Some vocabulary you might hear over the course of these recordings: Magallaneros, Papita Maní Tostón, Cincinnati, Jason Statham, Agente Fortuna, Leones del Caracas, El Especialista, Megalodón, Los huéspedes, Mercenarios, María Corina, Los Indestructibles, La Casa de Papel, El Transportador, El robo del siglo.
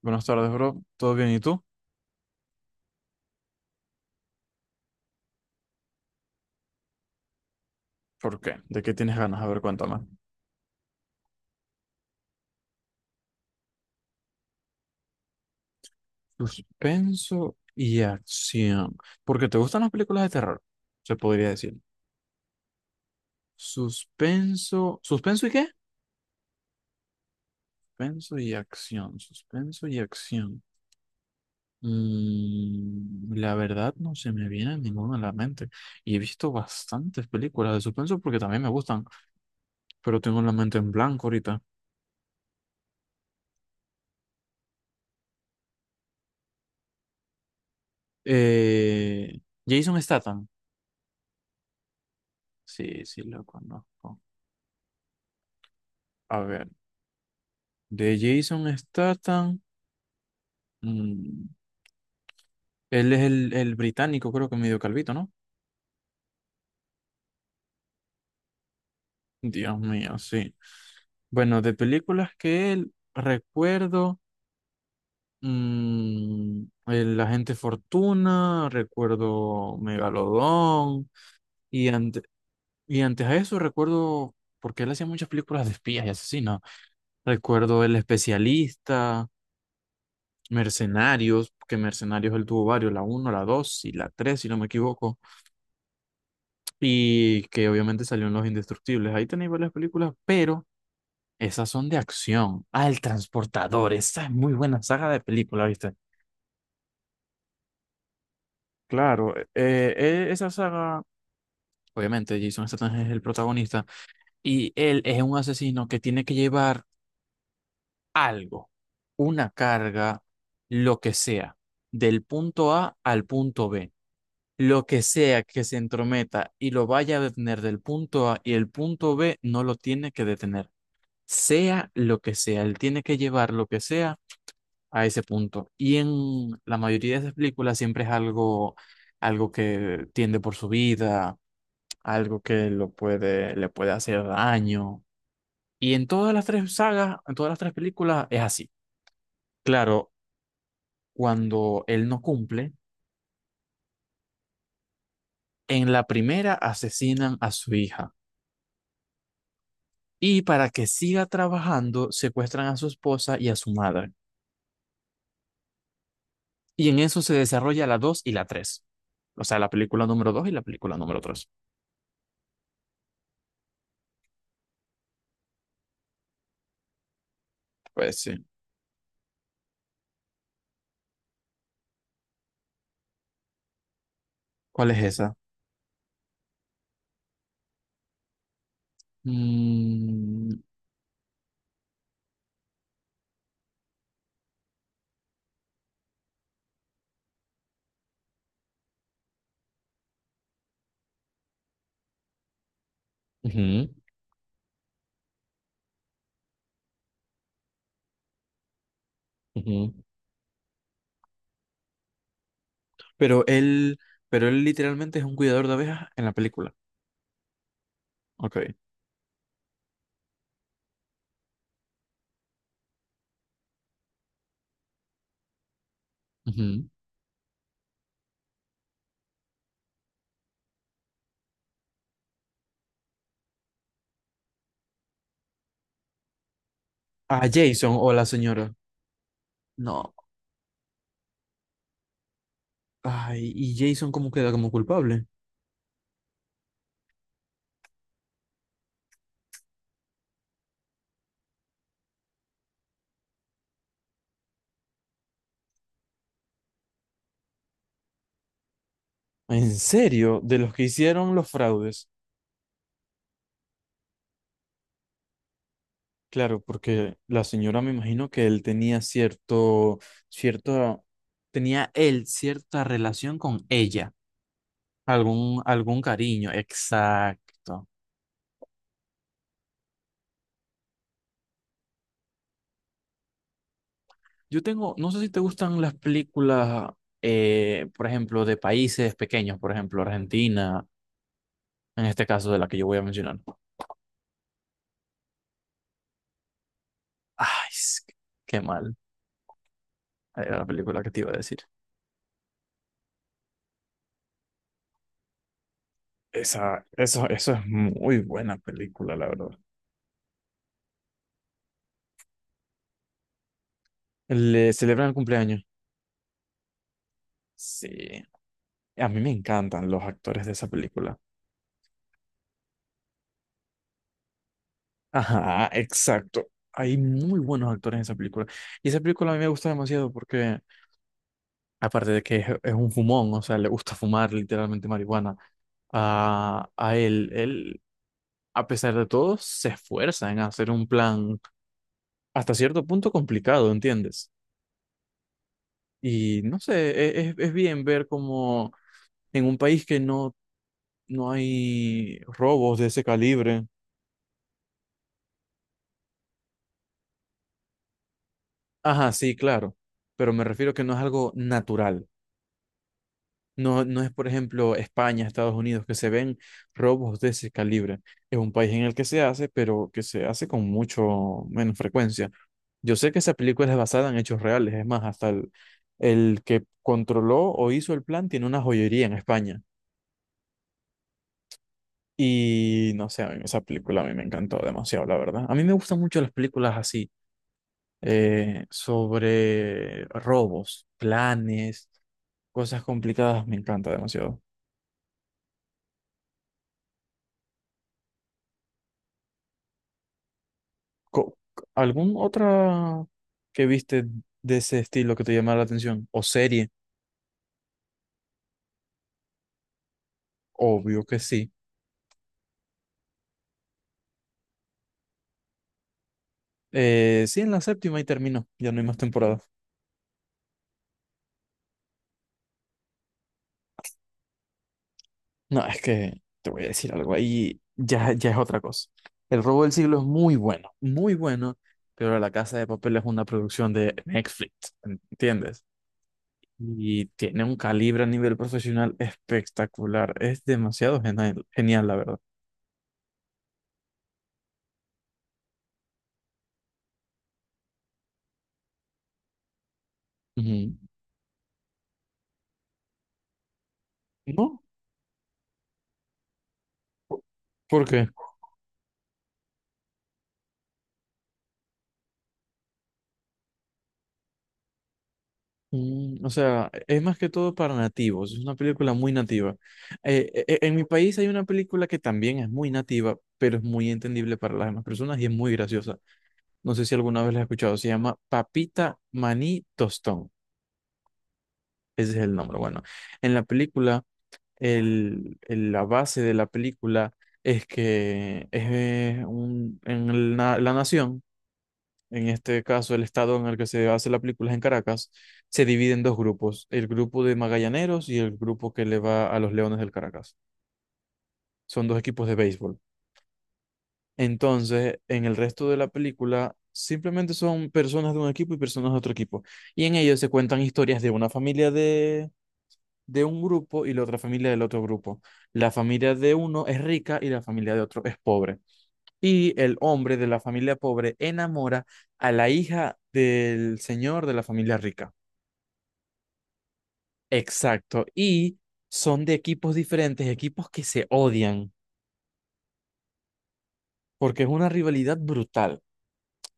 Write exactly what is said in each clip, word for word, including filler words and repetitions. Buenas tardes, bro. ¿Todo bien? ¿Y tú? ¿Por qué? ¿De qué tienes ganas? A ver, cuéntame. Suspenso y acción. Porque te gustan las películas de terror, se podría decir. Suspenso. ¿Suspenso y qué? Suspenso y acción. Suspenso y acción. Mm, la verdad no se me viene ninguna a la mente. Y he visto bastantes películas de suspenso porque también me gustan, pero tengo la mente en blanco ahorita. Eh, Jason Statham. Sí, sí, lo conozco. A ver. De Jason Statham. mm, Él es el, el británico, creo que medio calvito, ¿no? Dios mío, sí. Bueno, de películas que él recuerdo. Mm, el Agente Fortuna, recuerdo Megalodón. Y, ante- y antes a eso recuerdo. Porque él hacía muchas películas de espías y asesinos. Recuerdo El Especialista, Mercenarios, que Mercenarios él tuvo varios, la uno la dos y la tres si no me equivoco. Y que obviamente salió en Los Indestructibles. Ahí tenéis varias películas, pero esas son de acción. Ah, El Transportador. Esa es muy buena saga de película, ¿viste? Claro, eh, eh, esa saga, obviamente Jason Statham es el protagonista y él es un asesino que tiene que llevar algo, una carga, lo que sea, del punto A al punto B. Lo que sea que se entrometa y lo vaya a detener del punto A y el punto B no lo tiene que detener. Sea lo que sea, él tiene que llevar lo que sea a ese punto. Y en la mayoría de esas películas siempre es algo, algo que tiende por su vida, algo que lo puede, le puede hacer daño. Y en todas las tres sagas, en todas las tres películas es así. Claro, cuando él no cumple, en la primera asesinan a su hija. Y para que siga trabajando, secuestran a su esposa y a su madre. Y en eso se desarrolla la dos y la tres. O sea, la película número dos y la película número tres. Pues sí. ¿Cuál es esa? Mm, ujú, ujú. Pero él, pero él literalmente es un cuidador de abejas en la película. Ok. Ujú. ¿A Jason o la señora? No. Ay, ¿y Jason cómo queda como culpable? ¿En serio? De los que hicieron los fraudes. Claro, porque la señora me imagino que él tenía cierto, cierto, tenía él cierta relación con ella, algún, algún cariño, exacto. Yo tengo, no sé si te gustan las películas, eh, por ejemplo, de países pequeños, por ejemplo, Argentina, en este caso de la que yo voy a mencionar. Ay, es que- qué mal, era la película que te iba a decir. Esa, eso, eso es muy buena película, la verdad. Le celebran el cumpleaños. Sí. A mí me encantan los actores de esa película. Ajá, exacto. Hay muy buenos actores en esa película. Y esa película a mí me gusta demasiado porque, aparte de que es, es un fumón, o sea, le gusta fumar literalmente marihuana, a, a él, él, a pesar de todo, se esfuerza en hacer un plan hasta cierto punto complicado, ¿entiendes? Y no sé, e- es, es bien ver como en un país que no, no hay robos de ese calibre. Ajá, sí, claro, pero me refiero que no es algo natural. No, no es, por ejemplo, España, Estados Unidos, que se ven robos de ese calibre. Es un país en el que se hace, pero que se hace con mucho menos frecuencia. Yo sé que esa película es basada en hechos reales. Es más, hasta el, el que controló o hizo el plan tiene una joyería en España. Y no sé, a mí esa película a mí me encantó demasiado, la verdad. A mí me gustan mucho las películas así, eh, sobre robos, planes, cosas complicadas. Me encanta demasiado. Co- ¿Algún otra que viste de ese estilo que te llamara la atención? ¿O serie? Obvio que sí. Eh, sí, en la séptima y terminó. Ya no hay más temporada. No, es que te voy a decir algo ahí. Ya, ya es otra cosa. El robo del siglo es muy bueno, muy bueno, pero La Casa de Papel es una producción de Netflix, ¿entiendes? Y tiene un calibre a nivel profesional espectacular. Es demasiado genial, genial, la verdad. Ujú. ¿No? ¿Por por qué? Mm, o sea, es más que todo para nativos, es una película muy nativa. Eh, e- e- en mi país hay una película que también es muy nativa, pero es muy entendible para las demás personas y es muy graciosa. No sé si alguna vez la has escuchado, se llama Papita Maní Tostón, ese es el nombre. Bueno, en la película, el, el- la base de la película es que es eh, un- en la la nación, en este caso el estado en el que se hace la película es en Caracas, se divide en dos grupos, el grupo de Magallaneros y el grupo que le va a los Leones del Caracas. Son dos equipos de béisbol. Entonces, en el resto de la película, simplemente son personas de un equipo y personas de otro equipo. Y en ellos se cuentan historias de una familia de, de un grupo y la otra familia del otro grupo. La familia de uno es rica y la familia de otro es pobre. Y el hombre de la familia pobre enamora a la hija del señor de la familia rica. Exacto. Y son de equipos diferentes, equipos que se odian, porque es una rivalidad brutal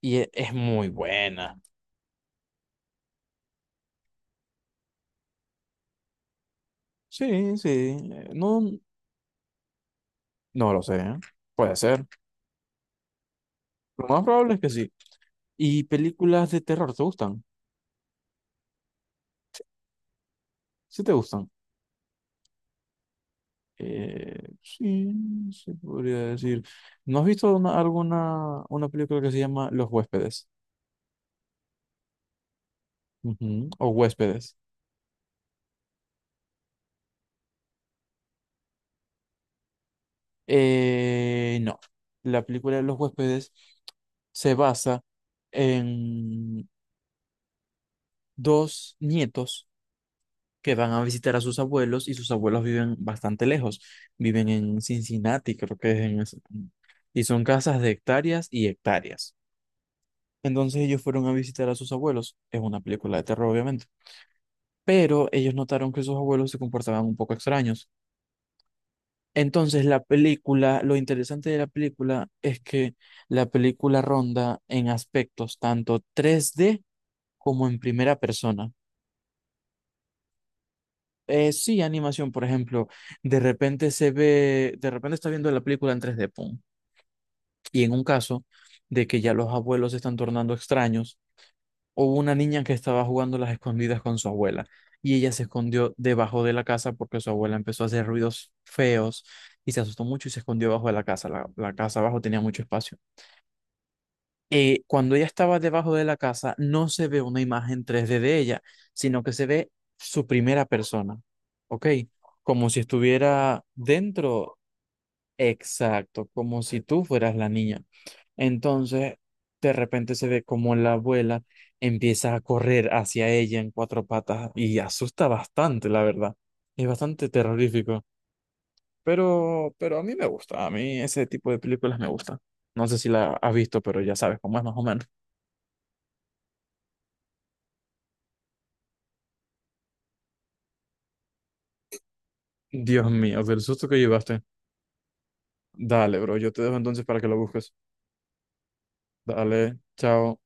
y e- es, muy buena. Sí, sí. eh, No, no lo sé. ¿Eh? Puede ser. Lo más probable es que sí. ¿Y películas de terror te gustan? Sí, te gustan. Eh, sí, se podría decir. ¿No has visto una- alguna una película que se llama Los huéspedes? Ujú. O huéspedes. Eh, no. La película de los huéspedes se basa en dos nietos que van a visitar a sus abuelos y sus abuelos viven bastante lejos. Viven en Cincinnati, creo que es en ese-. Y son casas de hectáreas y hectáreas. Entonces ellos fueron a visitar a sus abuelos. Es una película de terror, obviamente. Pero ellos notaron que sus abuelos se comportaban un poco extraños. Entonces, la película, lo interesante de la película es que la película ronda en aspectos tanto tres d como en primera persona. Eh, sí, animación, por ejemplo, de repente se ve, de repente está viendo la película en tres d pum. Y en un caso de que ya los abuelos se están tornando extraños, hubo una niña que estaba jugando las escondidas con su abuela y ella se escondió debajo de la casa porque su abuela empezó a hacer ruidos feos y se asustó mucho y se escondió bajo de la casa. La, la casa abajo tenía mucho espacio. Eh, cuando ella estaba debajo de la casa, no se ve una imagen tres d de ella, sino que se ve su primera persona, ¿ok? Como si estuviera dentro, exacto, como si tú fueras la niña. Entonces, de repente se ve como la abuela empieza a correr hacia ella en cuatro patas y asusta bastante, la verdad. Es bastante terrorífico, pero, pero, a mí me gusta, a mí ese tipo de películas me gusta. No sé si la has visto, pero ya sabes cómo es más o menos. Dios mío, del susto que llevaste. Dale, bro, yo te dejo entonces para que lo busques. Dale, chao.